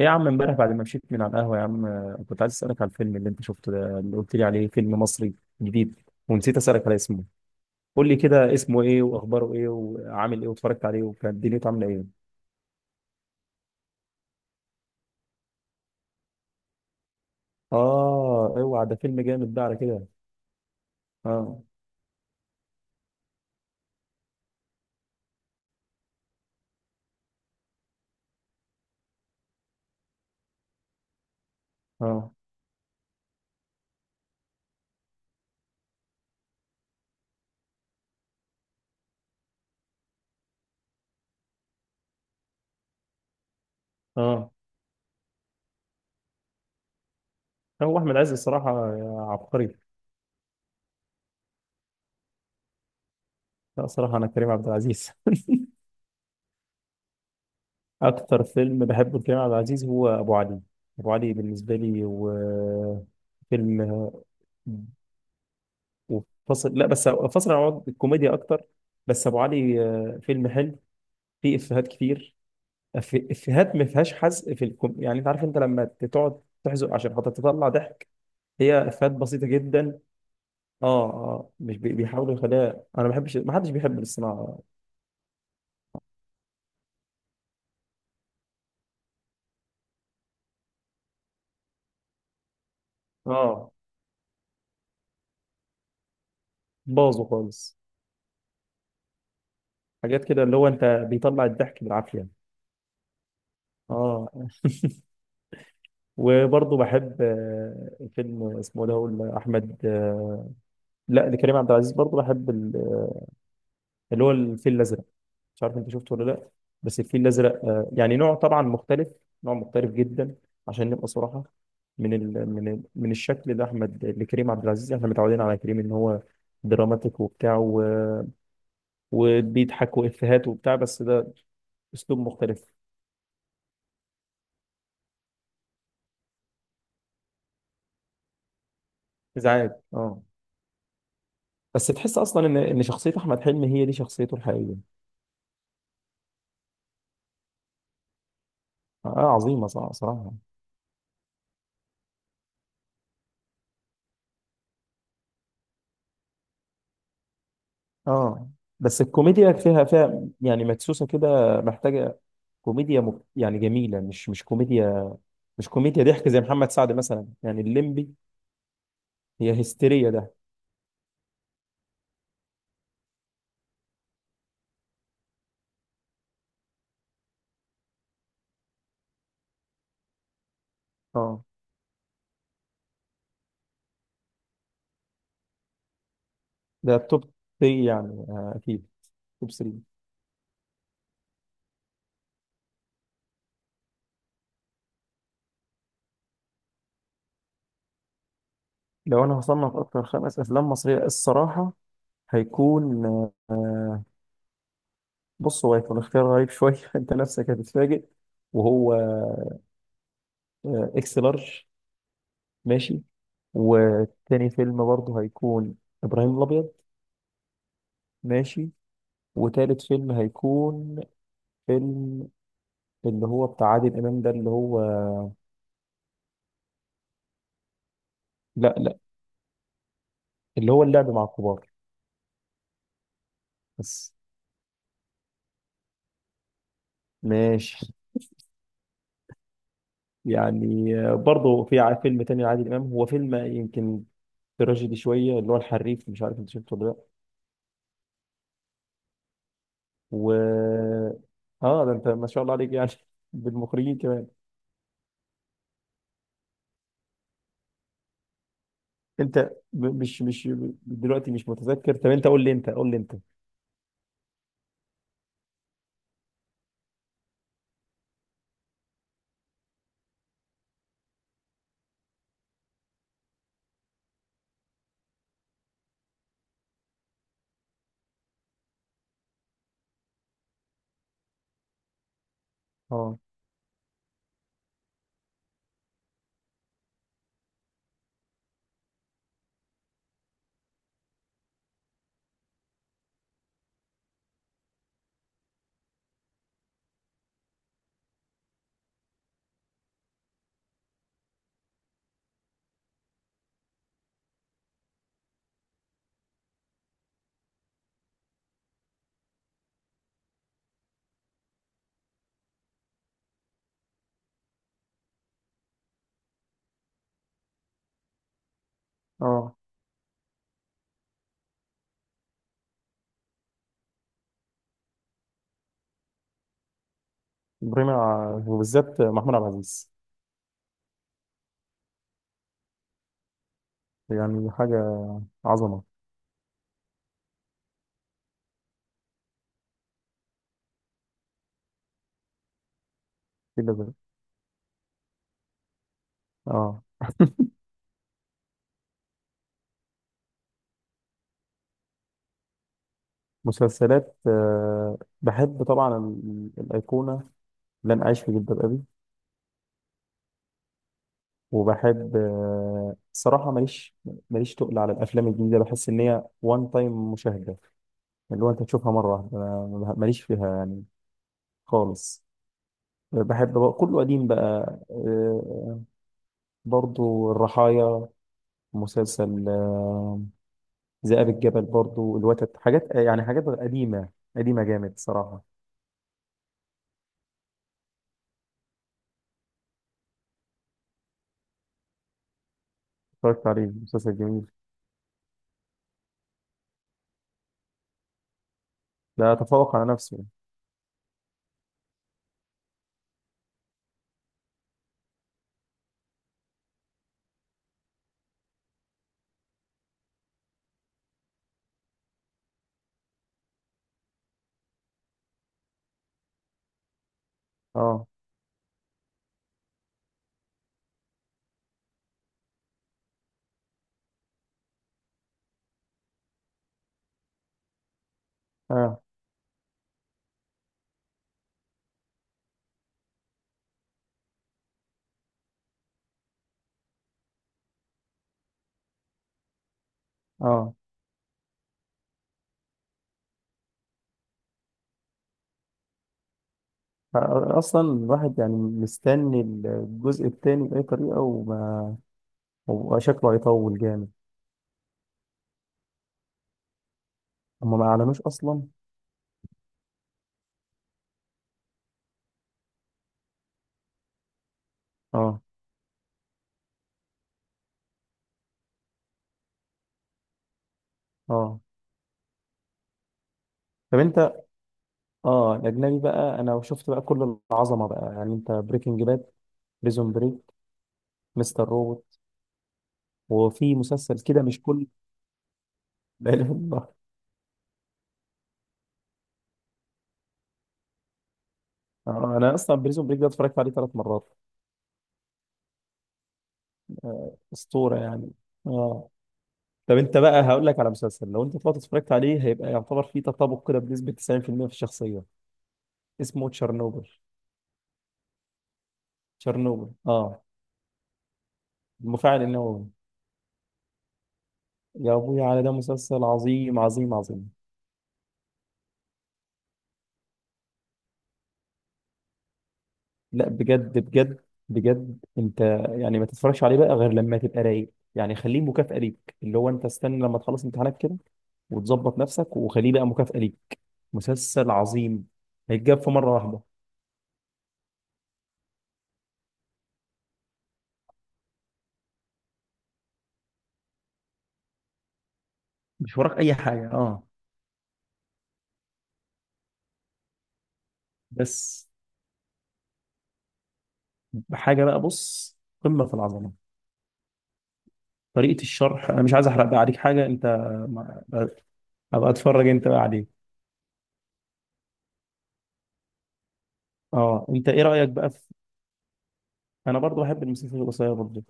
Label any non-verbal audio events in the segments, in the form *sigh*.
ايه يا عم، امبارح بعد ما مشيت من على القهوة يا عم، كنت عايز اسألك على الفيلم اللي انت شفته ده اللي قلت لي عليه. فيلم مصري جديد، ونسيت اسألك على اسمه. قول لي كده اسمه ايه واخباره ايه وعامل ايه، واتفرجت عليه وكانت دنيته عاملة ايه؟ اه، اوعى ده فيلم جامد ده على كده. اه. اه. اه. هو احمد عز الصراحة عبقري. لا، صراحة انا كريم عبد العزيز. *laughs* اكتر فيلم بحبه لكريم عبد العزيز هو ابو علي. ابو علي بالنسبة لي، وفيلم وفصل. لا، بس فصل عن بعض الكوميديا اكتر. بس ابو علي فيلم حلو. فيه افيهات كتير. افيهات ما فيهاش حزق في الكم. يعني انت عارف، انت لما تقعد تحزق عشان خاطر تطلع ضحك. هي افيهات بسيطه جدا. اه، اه، مش بي- بيحاولوا يخليها. انا ما بحبش، ما حدش بيحب الصناعه. اه. باظوا خالص. حاجات كده اللي هو انت بيطلع الضحك بالعافيه. اه. وبرضه بحب فيلم اسمه ده هو احمد لا، لكريم عبد العزيز برضه بحب اللي هو الفيل الازرق. مش عارف انت شفته ولا لا. بس الفيل الازرق يعني نوع طبعا مختلف. نوع مختلف جدا. عشان نبقى صراحه، من الشكل ده احمد لكريم عبد العزيز، احنا متعودين على كريم ان هو دراماتيك وبتاع وبيضحك وافيهات وبتاع، بس ده اسلوب مختلف. ازعاج، اه. بس تحس اصلا ان شخصيه احمد حلمي هي دي شخصيته الحقيقيه. اه. عظيمه صراحه صراحه. اه، بس الكوميديا فيها يعني مدسوسه كده، محتاجه يعني جميله، مش كوميديا. مش كوميديا ضحك زي محمد سعد مثلا، يعني الليمبي. هي هستيريا ده. اه. ده توب 3 يعني اكيد. توب 3. لو انا هصنف اكتر خمس افلام مصريه، الصراحه هيكون آه، بص هو هيكون اختيار غريب شويه. *laughs* انت نفسك هتتفاجئ. وهو اكس لارج. ماشي. وتاني فيلم برضه هيكون ابراهيم الابيض. ماشي. وتالت فيلم هيكون فيلم، اللي هو بتاع عادل امام ده، اللي هو لا لا، اللي هو اللعب مع الكبار. بس، ماشي. يعني برضه في فيلم تاني لعادل امام، هو فيلم يمكن تراجيدي شويه، اللي هو الحريف. مش عارف انت شفته ولا لا. و، اه، ده انت ما شاء الله عليك يعني *laughs* بالمخرجين كمان. انت مش دلوقتي مش متذكر. طب انت قول لي انت. اه. اه. بريمة، وبالذات محمود عبد العزيز. يعني حاجة عظمة. في ده، اه. مسلسلات، آه بحب طبعا الأيقونة، لن أعيش في جلباب أبي. وبحب صراحة ماليش، تقل على الأفلام الجديدة. بحس إن هي وان تايم مشاهدة، اللي هو أنت تشوفها مرة واحدة. أنا ماليش فيها يعني خالص. بحب بقى كله قديم بقى، برضو الرحايا. مسلسل ذئاب الجبل. برضو الوتد. حاجات يعني حاجات قديمة قديمة جامد صراحة. اتفرجت عليه مسلسل جميل. لا، تفوق على نفسه. اه. اه. اه. اصلا الواحد يعني مستني الجزء الثاني باي طريقه. هو شكله هيطول جامد. هما ما اعلنوش اصلا. اه. اه. طب انت. اه، الاجنبي بقى انا شفت بقى كل العظمه بقى، يعني انت بريكنج باد، بريزون بريك، مستر روبوت. وفي مسلسل كده مش كل. *laughs* لا اله الا الله. آه، انا اصلا بريزون بريك ده اتفرجت عليه ثلاث مرات. آه، اسطوره يعني. اه، طب انت بقى هقول لك على مسلسل، لو انت طلعت اتفرجت عليه هيبقى يعتبر فيه تطابق كده بنسبه 90% في المية في الشخصيه. اسمه تشيرنوبل. تشيرنوبل، اه. المفاعل النووي. يا ابويا على ده، مسلسل عظيم عظيم عظيم. لا، بجد بجد بجد. انت يعني ما تتفرجش عليه بقى غير لما تبقى رايق. يعني خليه مكافأة ليك، اللي هو انت استنى لما تخلص امتحانات كده، وتظبط نفسك وخليه بقى مكافأة ليك. مسلسل عظيم. هيتجاب في مرة واحدة. مش وراك اي حاجة، اه، بس. بحاجة بقى، بص، قمة في العظمة. طريقة الشرح، انا مش عايز احرق بقى عليك حاجة. انت ما- ابقى اتفرج انت بقى عليه. اه، انت ايه رأيك بقى في؟ انا برضو بحب المسلسلات القصيرة برضو.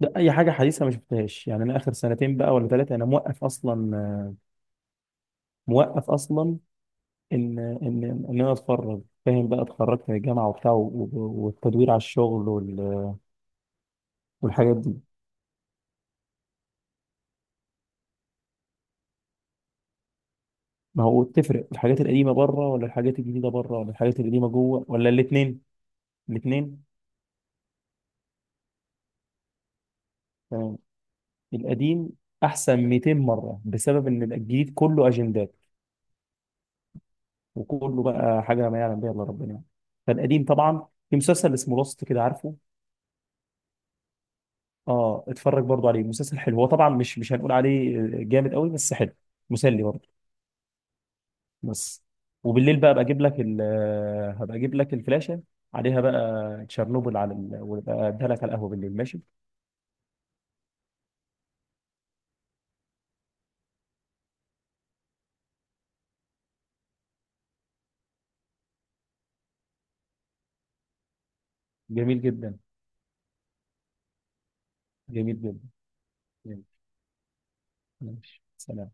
ده اي حاجه حديثه ما شفتهاش، يعني انا اخر سنتين بقى ولا ثلاثه انا موقف اصلا، موقف اصلا. ان ان ان انا اتفرج، فاهم بقى، اتخرجت من الجامعه وبتاع والتدوير على الشغل والحاجات دي. ما هو تفرق، الحاجات القديمه بره ولا الحاجات الجديده بره ولا الحاجات القديمه جوه ولا الاثنين؟ الاثنين. تمام. القديم احسن 200 مره، بسبب ان الجديد كله اجندات، وكله بقى حاجه ما يعلم بها الا ربنا يعني. فالقديم طبعا في مسلسل اسمه لوست كده، عارفه؟ اه، اتفرج برضو عليه. مسلسل حلو، هو طبعا مش هنقول عليه جامد قوي بس حلو. مسلي برضو. بس وبالليل بقى ابقى اجيب لك هبقى اجيب لك الفلاشه، عليها بقى تشيرنوبل على وابقى اديها لك على القهوه بالليل، ماشي. جميل جدا، جميل جدا، جميل. ماشي، سلام.